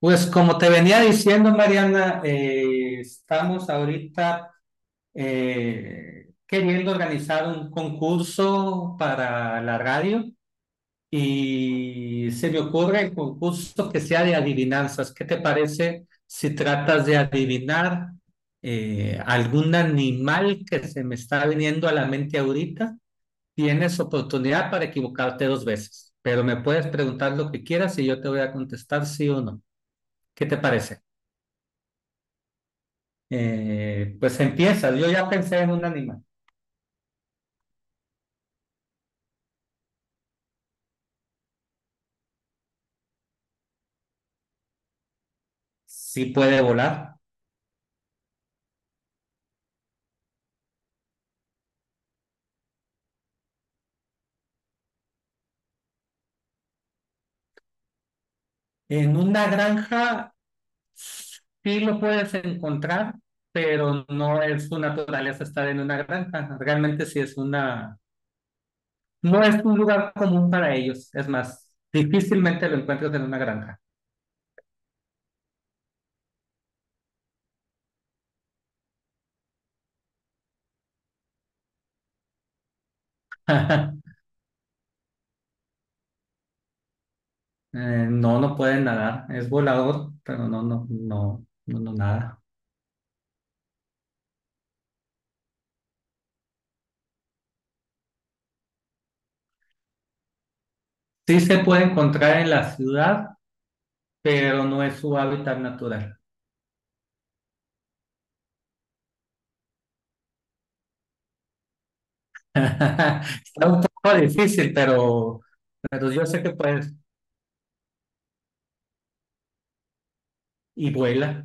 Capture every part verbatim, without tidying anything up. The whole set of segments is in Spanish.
Pues como te venía diciendo, Mariana, eh, estamos ahorita eh, queriendo organizar un concurso para la radio y se me ocurre el concurso que sea de adivinanzas. ¿Qué te parece si tratas de adivinar eh, algún animal que se me está viniendo a la mente ahorita? Tienes oportunidad para equivocarte dos veces, pero me puedes preguntar lo que quieras y yo te voy a contestar sí o no. ¿Qué te parece? eh, pues empiezas. Yo ya pensé en un animal. Sí puede volar. En una granja sí lo puedes encontrar, pero no es su naturaleza estar en una granja. Realmente sí es una, no es un lugar común para ellos. Es más, difícilmente lo encuentras en una granja. Eh, no, no puede nadar. Es volador, pero no, no, no, no, no nada. Sí se puede encontrar en la ciudad, pero no es su hábitat natural. Está un poco difícil, pero, pero yo sé que puedes. Y vuela.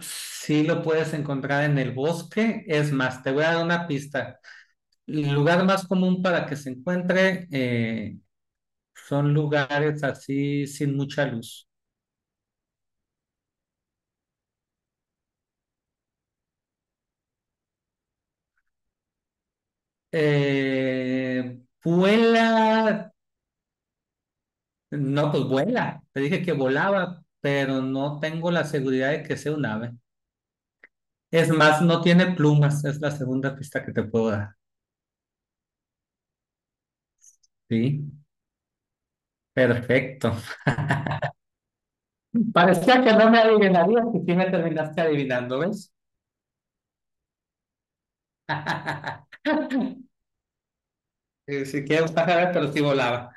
Sí lo puedes encontrar en el bosque. Es más, te voy a dar una pista. El lugar más común para que se encuentre eh, son lugares así sin mucha luz. Eh, vuela. No, pues vuela. Te dije que volaba, pero no tengo la seguridad de que sea un ave. Es más, no tiene plumas. Es la segunda pista que te puedo dar. Sí, perfecto. Parecía que no me adivinarías y sí me terminaste adivinando, ¿ves? Eh, Si quieres un pájaro, pero sí volaba.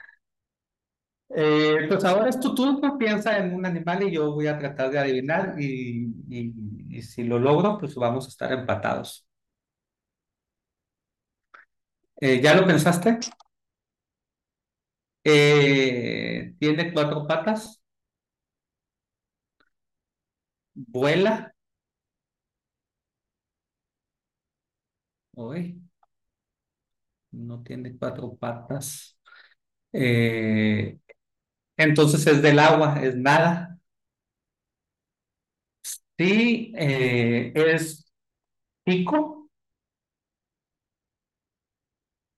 Eh, pues ahora es tu turno, piensa en un animal y yo voy a tratar de adivinar y, y- y si lo logro, pues vamos a estar empatados. Eh, ¿ya lo pensaste? Eh, ¿tiene cuatro patas? ¿Vuela? Uy, no tiene cuatro patas. Eh, entonces es del agua, es nada. Sí, eh, es pico.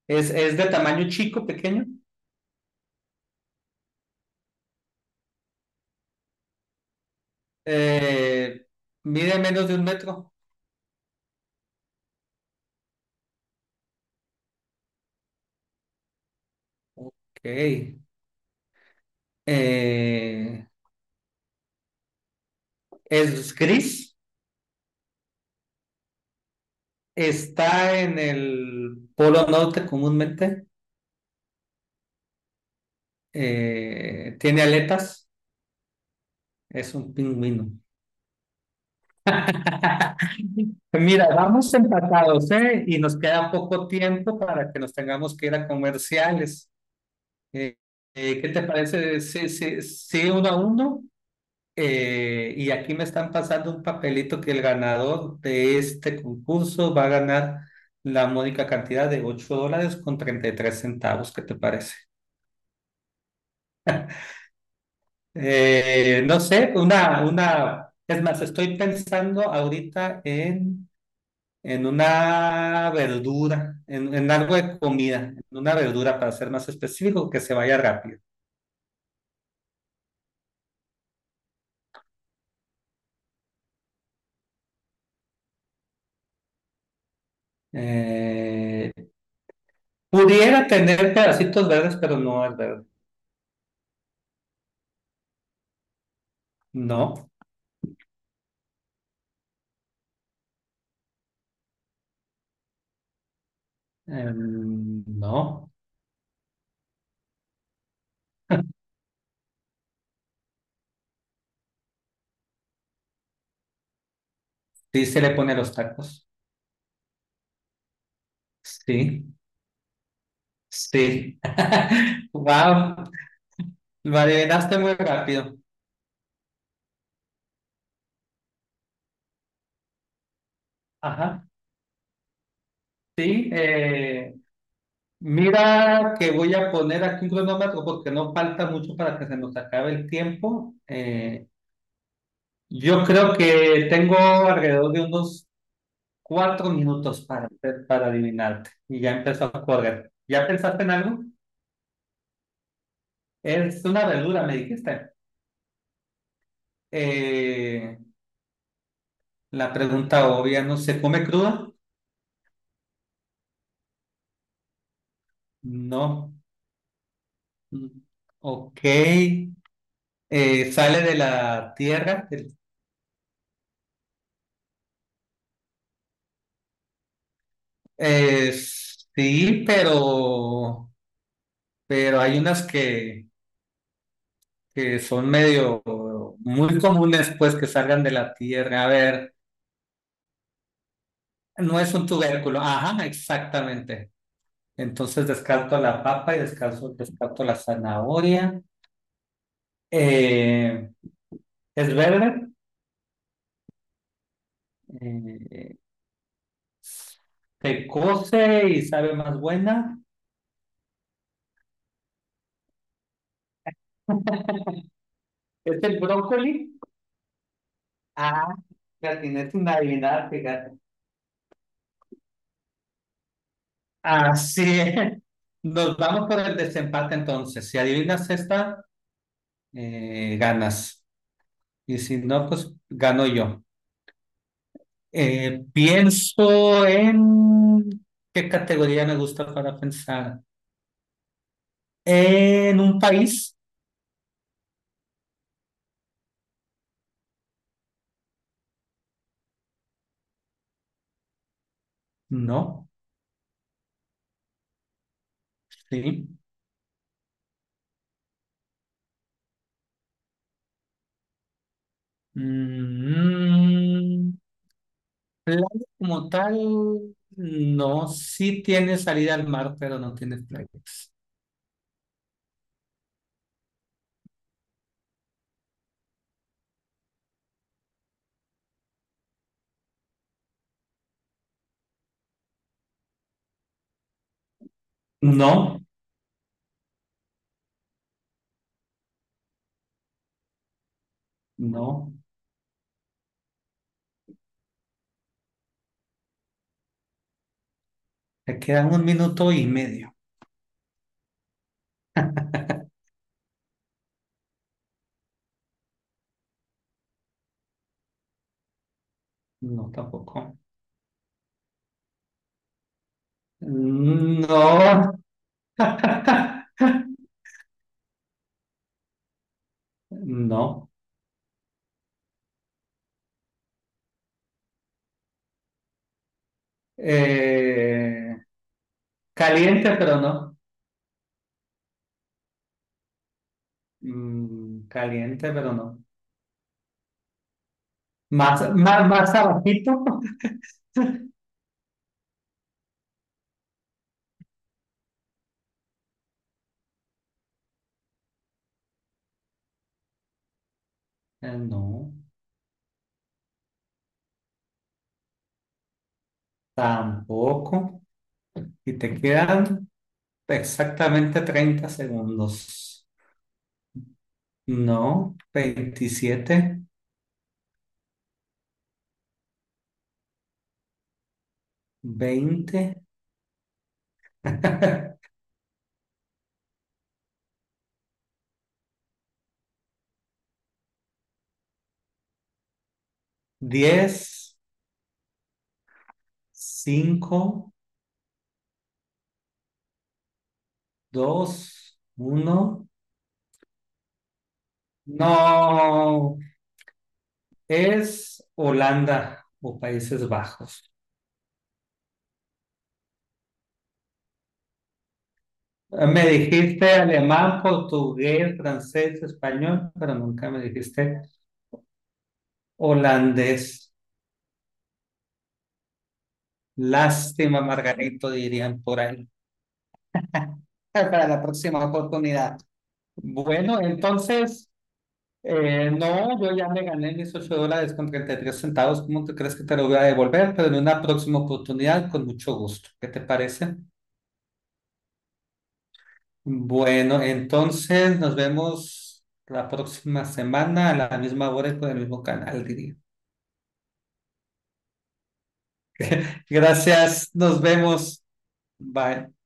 Es, es de tamaño chico, pequeño. Eh, Mide menos de un metro. Ok. Eh, es gris. Está en el polo norte comúnmente. Eh, tiene aletas. Es un pingüino. Mira, vamos empatados, ¿eh? Y nos queda poco tiempo para que nos tengamos que ir a comerciales. Eh, eh, ¿Qué te parece? Sí, sí, sí, uno a uno. Eh, y aquí me están pasando un papelito que el ganador de este concurso va a ganar la módica cantidad de ocho dólares con treinta y tres centavos. ¿Qué te parece? Eh, no sé, una, una, es más, estoy pensando ahorita en, en una verdura, en, en algo de comida, en una verdura para ser más específico, que se vaya rápido. Eh, Pudiera tener pedacitos verdes, pero no es verde. No, em, no. Sí, se le pone los tacos. Sí, sí. Wow, lo adivinaste muy rápido. Ajá, sí. eh, mira que voy a poner aquí un cronómetro porque no falta mucho para que se nos acabe el tiempo. Eh, yo creo que tengo alrededor de unos cuatro minutos para, hacer- para adivinarte y ya empezó a correr. ¿Ya pensaste en algo? Es una verdura, me dijiste. Eh, la pregunta obvia, ¿no se come cruda? No. Mm, ok. Eh, sale de la tierra. El- Eh, sí, pero, pero hay unas que, que son medio muy comunes, pues, que salgan de la tierra. A ver, no es un tubérculo. Ajá, exactamente. Entonces descarto la papa y descarto, descarto la zanahoria. Eh, es verde. Eh, Se cose y sabe más buena. Es el brócoli. Ah, la tienes sin adivinar, fíjate. Así es. Nos vamos por el desempate entonces. Si adivinas esta, eh, ganas. Y si no, pues gano yo. Eh, pienso en. ¿Qué categoría me gusta para pensar? ¿En un país? No. Sí. Mm, Playa como tal, no. Sí tiene salida al mar, pero no tiene playas. No, no, te quedan un minuto y medio. No, tampoco. No, no. Eh, Caliente, pero no. Mm, caliente, pero no. Más, más, más abajito. Eh, no, tampoco. Y te quedan exactamente treinta segundos. No, veintisiete, veinte, diez, cinco. Dos, uno. No, es Holanda o Países Bajos. Eh, Me dijiste alemán, portugués, francés, español, pero nunca me dijiste holandés. Lástima, Margarito, dirían por ahí. Para la próxima oportunidad. Bueno, entonces, eh, no, yo ya me gané mis ocho dólares con treinta y tres centavos. ¿Cómo te crees que te lo voy a devolver? Pero en una próxima oportunidad, con mucho gusto. ¿Qué te parece? Bueno, entonces nos vemos la próxima semana a la misma hora y por el mismo canal, diría. Gracias, nos vemos. Bye.